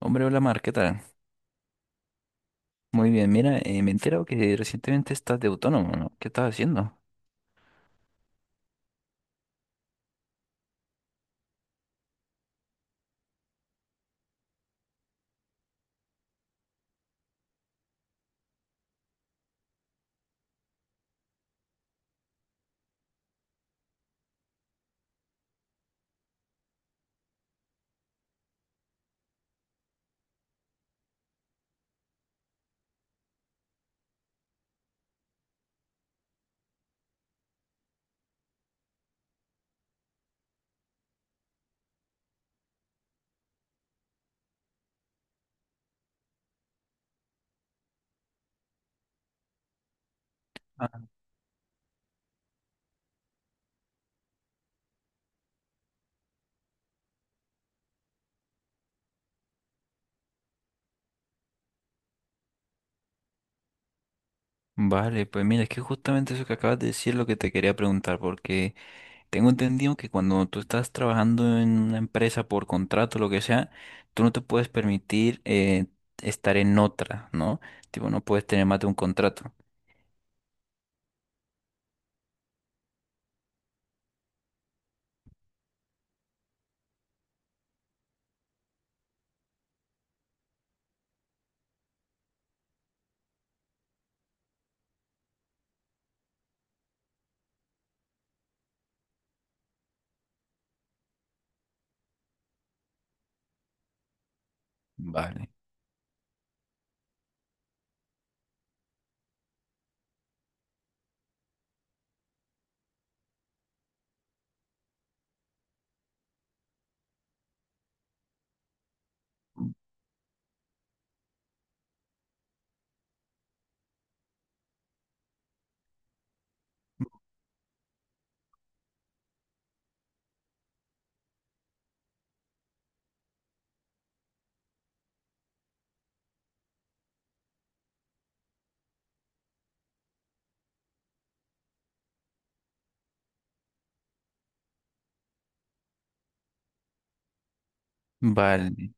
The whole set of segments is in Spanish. Hombre, hola Mar, ¿qué tal? Muy bien, mira, me he enterado que recientemente estás de autónomo, ¿no? ¿Qué estás haciendo? Ah. Vale, pues mira, es que justamente eso que acabas de decir es lo que te quería preguntar, porque tengo entendido que cuando tú estás trabajando en una empresa por contrato, lo que sea, tú no te puedes permitir estar en otra, ¿no? Tipo, no puedes tener más de un contrato. Vale. Vale.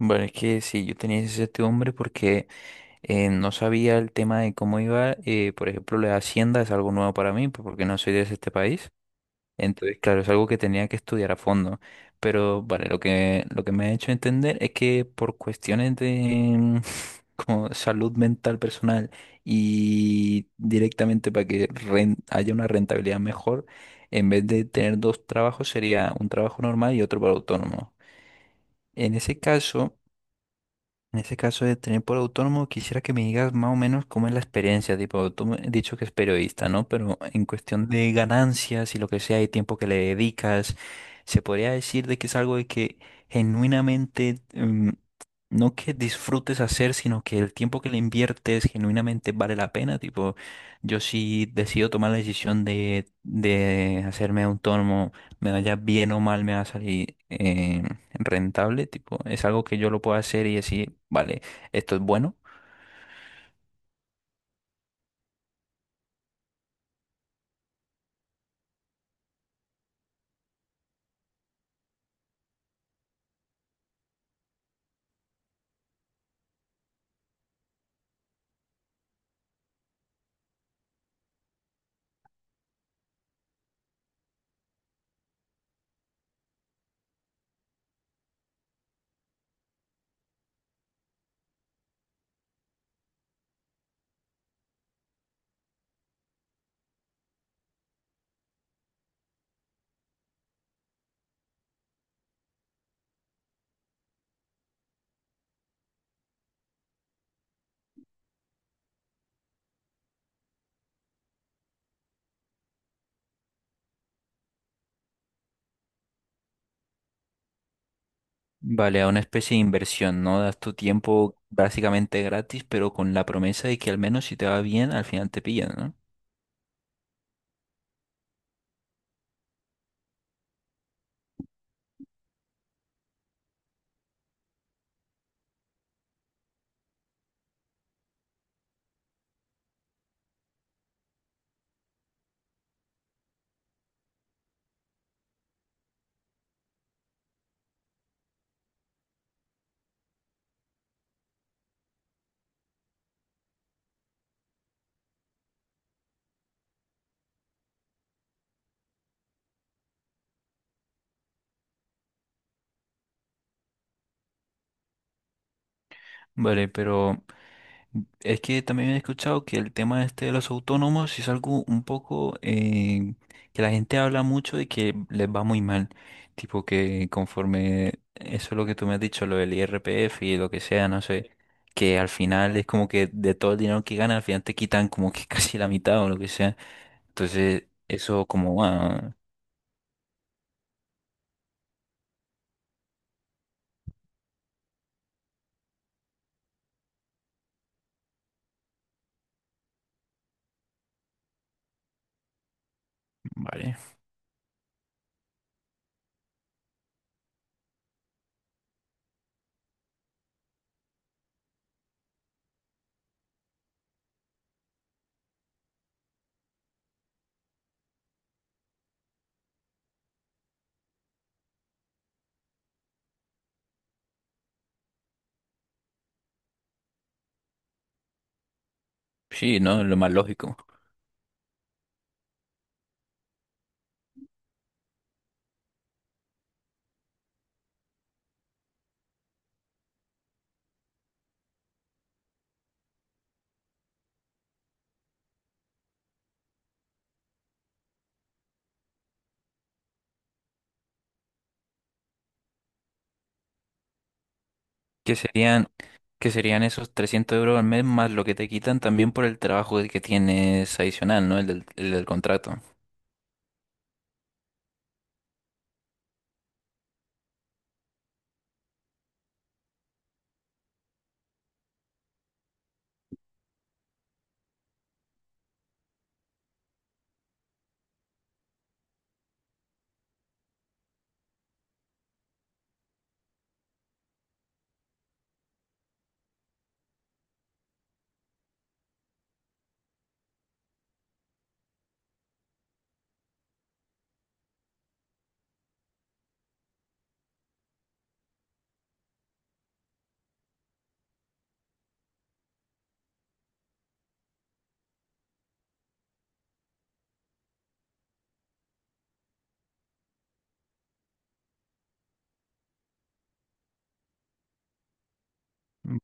Vale, es que sí, yo tenía ese hombre porque no sabía el tema de cómo iba, por ejemplo, la hacienda es algo nuevo para mí, pues, porque no soy de este país. Entonces, claro, es algo que tenía que estudiar a fondo. Pero, vale, lo que me ha hecho entender es que por cuestiones de como salud mental personal y directamente para que haya una rentabilidad mejor, en vez de tener dos trabajos, sería un trabajo normal y otro para autónomo. En ese caso... En ese caso de tener por autónomo, quisiera que me digas más o menos cómo es la experiencia. Tipo, tú me has dicho que es periodista, ¿no? Pero en cuestión de ganancias y lo que sea, y tiempo que le dedicas, se podría decir de que es algo de que genuinamente, no que disfrutes hacer, sino que el tiempo que le inviertes genuinamente vale la pena. Tipo, yo si decido tomar la decisión de hacerme autónomo, me vaya bien o mal, me va a salir. Rentable, tipo, es algo que yo lo puedo hacer y decir, vale, esto es bueno. Vale, a una especie de inversión, no das tu tiempo básicamente gratis, pero con la promesa de que al menos si te va bien, al final te pillan, ¿no? Vale, pero es que también he escuchado que el tema este de los autónomos es algo un poco que la gente habla mucho y que les va muy mal. Tipo que conforme eso es lo que tú me has dicho, lo del IRPF y lo que sea, no sé, que al final es como que de todo el dinero que ganan, al final te quitan como que casi la mitad o lo que sea. Entonces, eso como, ah, vale. Sí, ¿no? Lo más lógico. que serían, ¿Que serían esos 300 euros al mes más lo que te quitan también por el trabajo que tienes adicional, ¿no? El del contrato.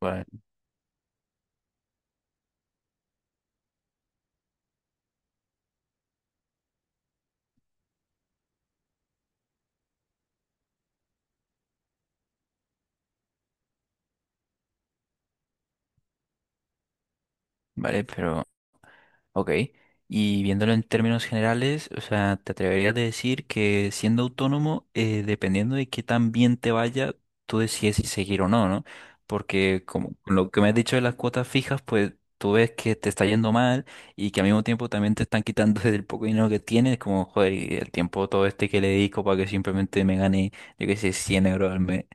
Vale, vale, pero ok, y viéndolo en términos generales, o sea, ¿te atreverías a decir que siendo autónomo, dependiendo de qué tan bien te vaya, tú decides si seguir o no, ¿no? Porque como con lo que me has dicho de las cuotas fijas, pues tú ves que te está yendo mal y que al mismo tiempo también te están quitando del poco dinero que tienes, como, joder, y el tiempo todo este que le dedico para que simplemente me gane, yo qué sé, 100 euros al mes.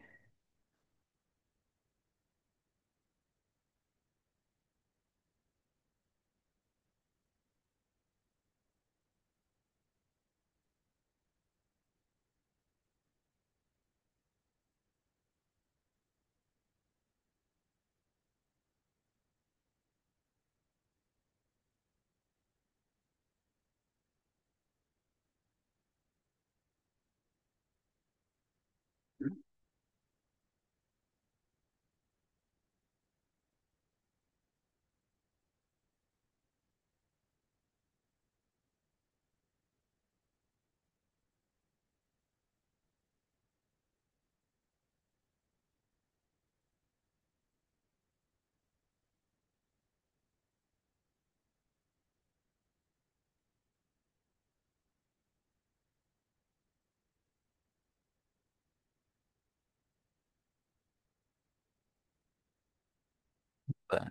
Ah.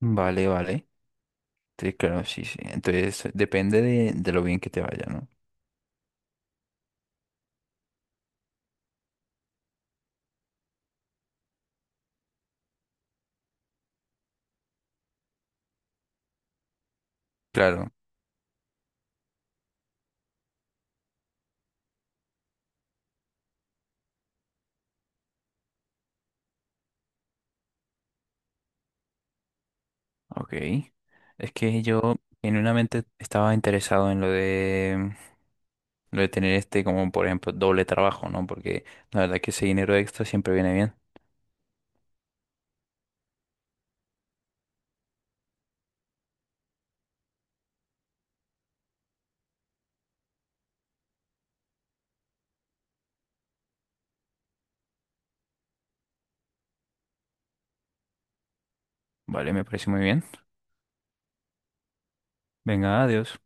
Vale, vale. Sí, claro, sí, sí. Entonces, depende de lo bien que te vaya, ¿no? Claro. Ok. Es que yo genuinamente estaba interesado en lo de tener este como, por ejemplo, doble trabajo, ¿no? Porque la verdad que ese dinero extra siempre viene bien. Vale, me parece muy bien. Venga, adiós.